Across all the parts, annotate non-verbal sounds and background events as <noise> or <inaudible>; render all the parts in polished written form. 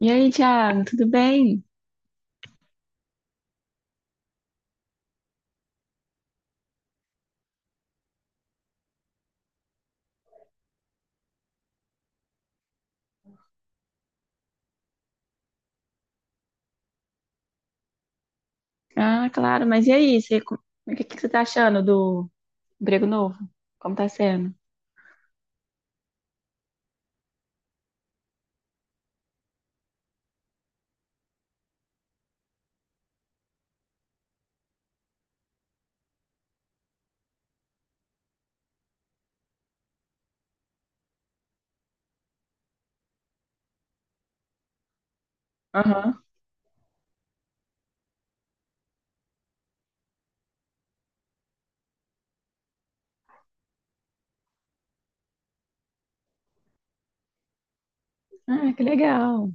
E aí, Thiago, tudo bem? Ah, claro, mas e aí? Você, o que que você tá achando do emprego novo? Como tá sendo? Aham. Ah, que legal.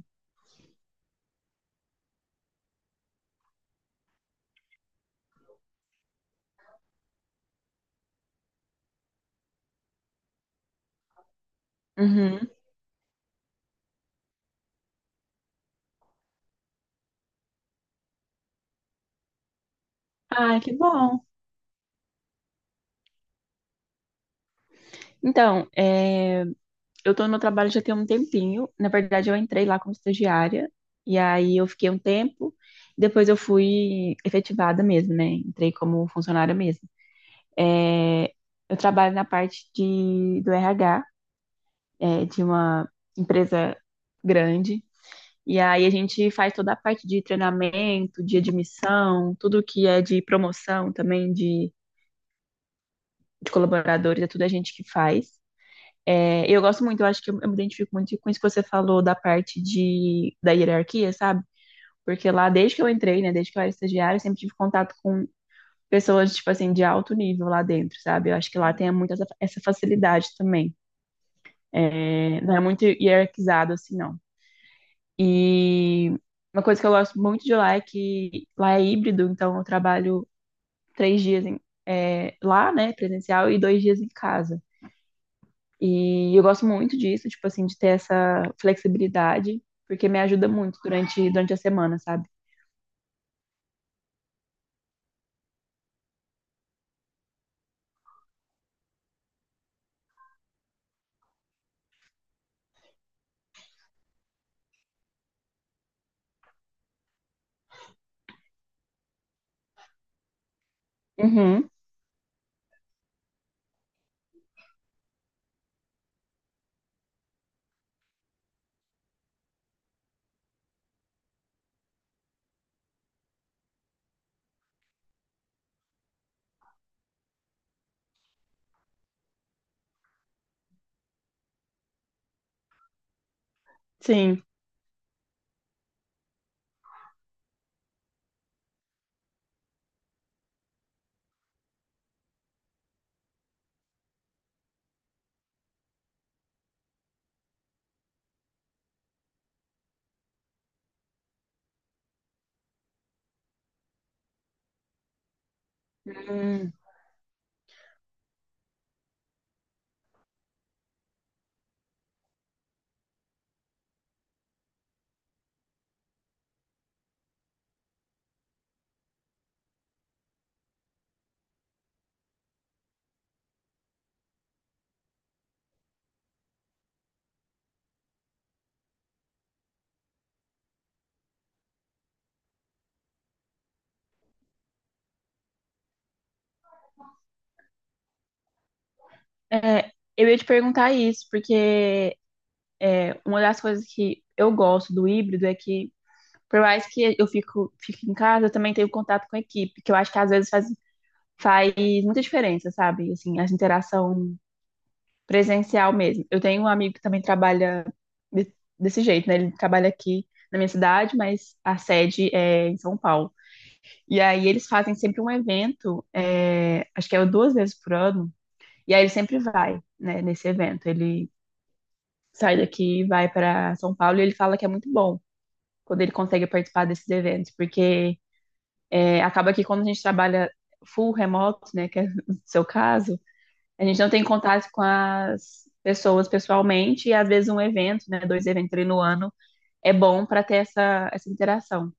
Uhum. Ah, que bom. Então, eu tô no meu trabalho já tem um tempinho. Na verdade, eu entrei lá como estagiária, e aí eu fiquei um tempo, depois eu fui efetivada mesmo, né? Entrei como funcionária mesmo. É, eu trabalho na parte de, do RH, de uma empresa grande. E aí a gente faz toda a parte de treinamento, de admissão, tudo que é de promoção também, de colaboradores, é tudo a gente que faz. É, eu gosto muito, eu acho que eu me identifico muito com isso que você falou da parte de, da hierarquia, sabe? Porque lá, desde que eu entrei, né, desde que eu era estagiária, eu sempre tive contato com pessoas, tipo assim, de alto nível lá dentro, sabe? Eu acho que lá tem muito essa facilidade também. É, não é muito hierarquizado, assim, não. E uma coisa que eu gosto muito de lá é que lá é híbrido, então eu trabalho três dias em- é, lá, né, presencial, e dois dias em casa. E eu gosto muito disso, tipo assim, de ter essa flexibilidade, porque me ajuda muito durante a semana, sabe? Uhum, sim. Hum, é, eu ia te perguntar isso, porque é, uma das coisas que eu gosto do híbrido é que, por mais que eu fique em casa, eu também tenho contato com a equipe, que eu acho que às vezes faz muita diferença, sabe? Assim, a interação presencial mesmo. Eu tenho um amigo que também trabalha de- desse jeito, né? Ele trabalha aqui na minha cidade, mas a sede é em São Paulo. E aí eles fazem sempre um evento, é, acho que é duas vezes por ano, e aí ele sempre vai, né, nesse evento. Ele sai daqui e vai para São Paulo e ele fala que é muito bom. Quando ele consegue participar desses eventos, porque é, acaba que quando a gente trabalha full remoto, né, que é <laughs> o seu caso, a gente não tem contato com as pessoas pessoalmente, e às vezes um evento, né, dois eventos ali no ano, é bom para ter essa interação.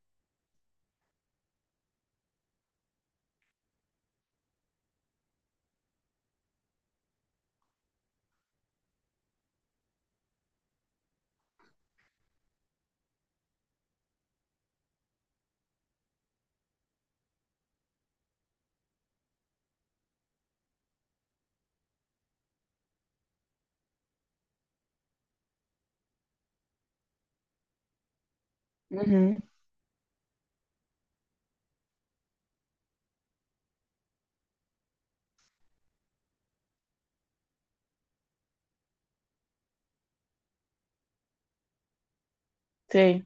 Uhum, sei.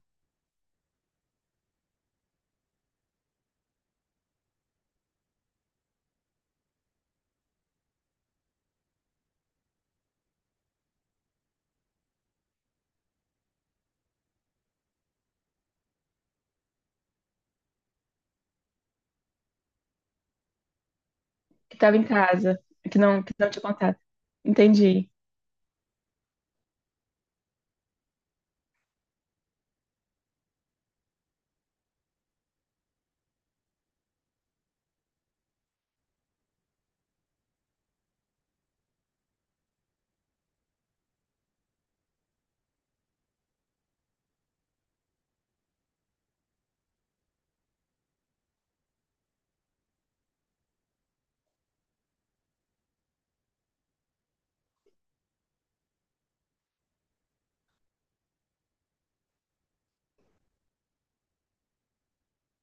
Que estava em casa, que não tinha contato. Entendi.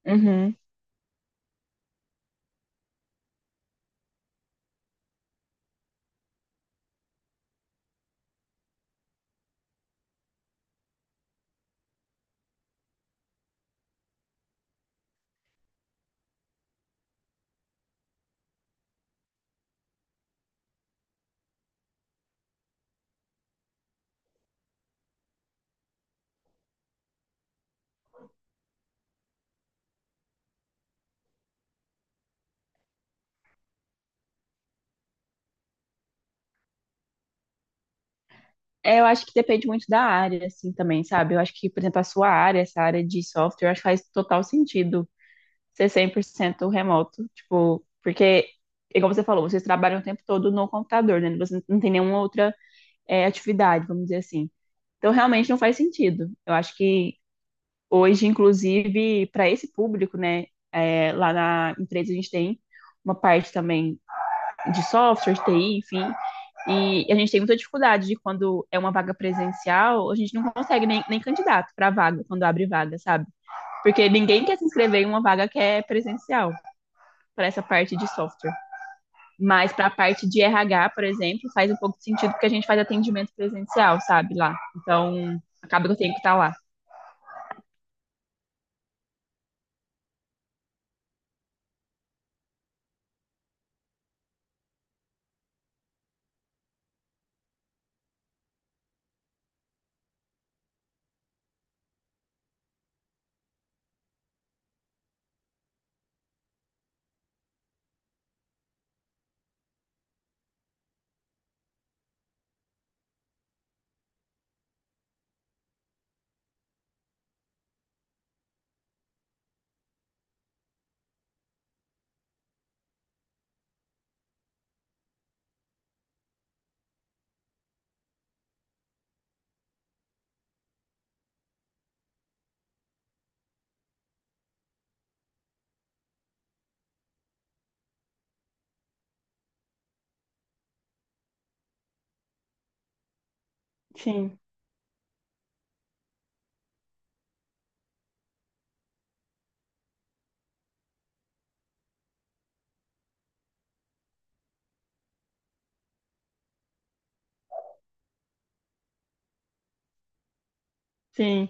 Uhum. É, eu acho que depende muito da área, assim, também, sabe? Eu acho que, por exemplo, a sua área, essa área de software, eu acho que faz total sentido ser 100% remoto, tipo, porque, igual você falou, vocês trabalham o tempo todo no computador, né? Você não tem nenhuma outra é, atividade, vamos dizer assim. Então, realmente não faz sentido. Eu acho que hoje, inclusive, para esse público, né, é, lá na empresa a gente tem uma parte também de software, de TI, enfim, e a gente tem muita dificuldade de quando é uma vaga presencial, a gente não consegue nem candidato para vaga, quando abre vaga, sabe? Porque ninguém quer se inscrever em uma vaga que é presencial para essa parte de software. Mas para a parte de RH, por exemplo, faz um pouco de sentido porque a gente faz atendimento presencial, sabe, lá. Então, acaba que eu tenho que estar lá. Sim, sim.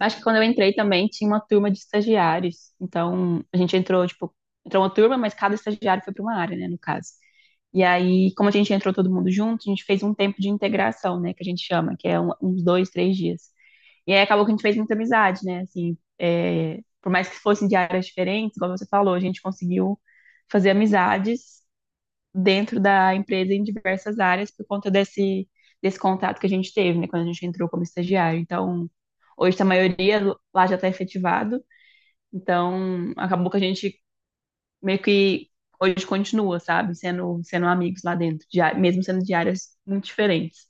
Acho que quando eu entrei também tinha uma turma de estagiários. Então, a gente entrou, tipo, entrou uma turma, mas cada estagiário foi para uma área, né, no caso. E aí, como a gente entrou todo mundo junto, a gente fez um tempo de integração, né, que a gente chama, que é um, uns dois, três dias. E aí acabou que a gente fez muita amizade, né? Assim, é, por mais que fossem de áreas diferentes, como você falou, a gente conseguiu fazer amizades dentro da empresa em diversas áreas por conta desse contato que a gente teve, né? Quando a gente entrou como estagiário. Então, hoje tá a maioria lá já está efetivado. Então, acabou que a gente meio que hoje continua, sabe? Sendo amigos lá dentro, de, mesmo sendo de áreas muito diferentes.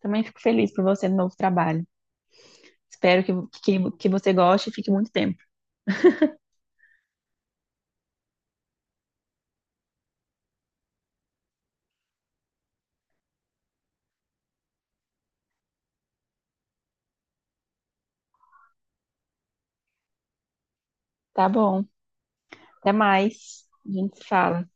Também fico feliz por você no novo trabalho. Espero que você goste e fique muito tempo. Tá bom. Até mais. A gente se fala.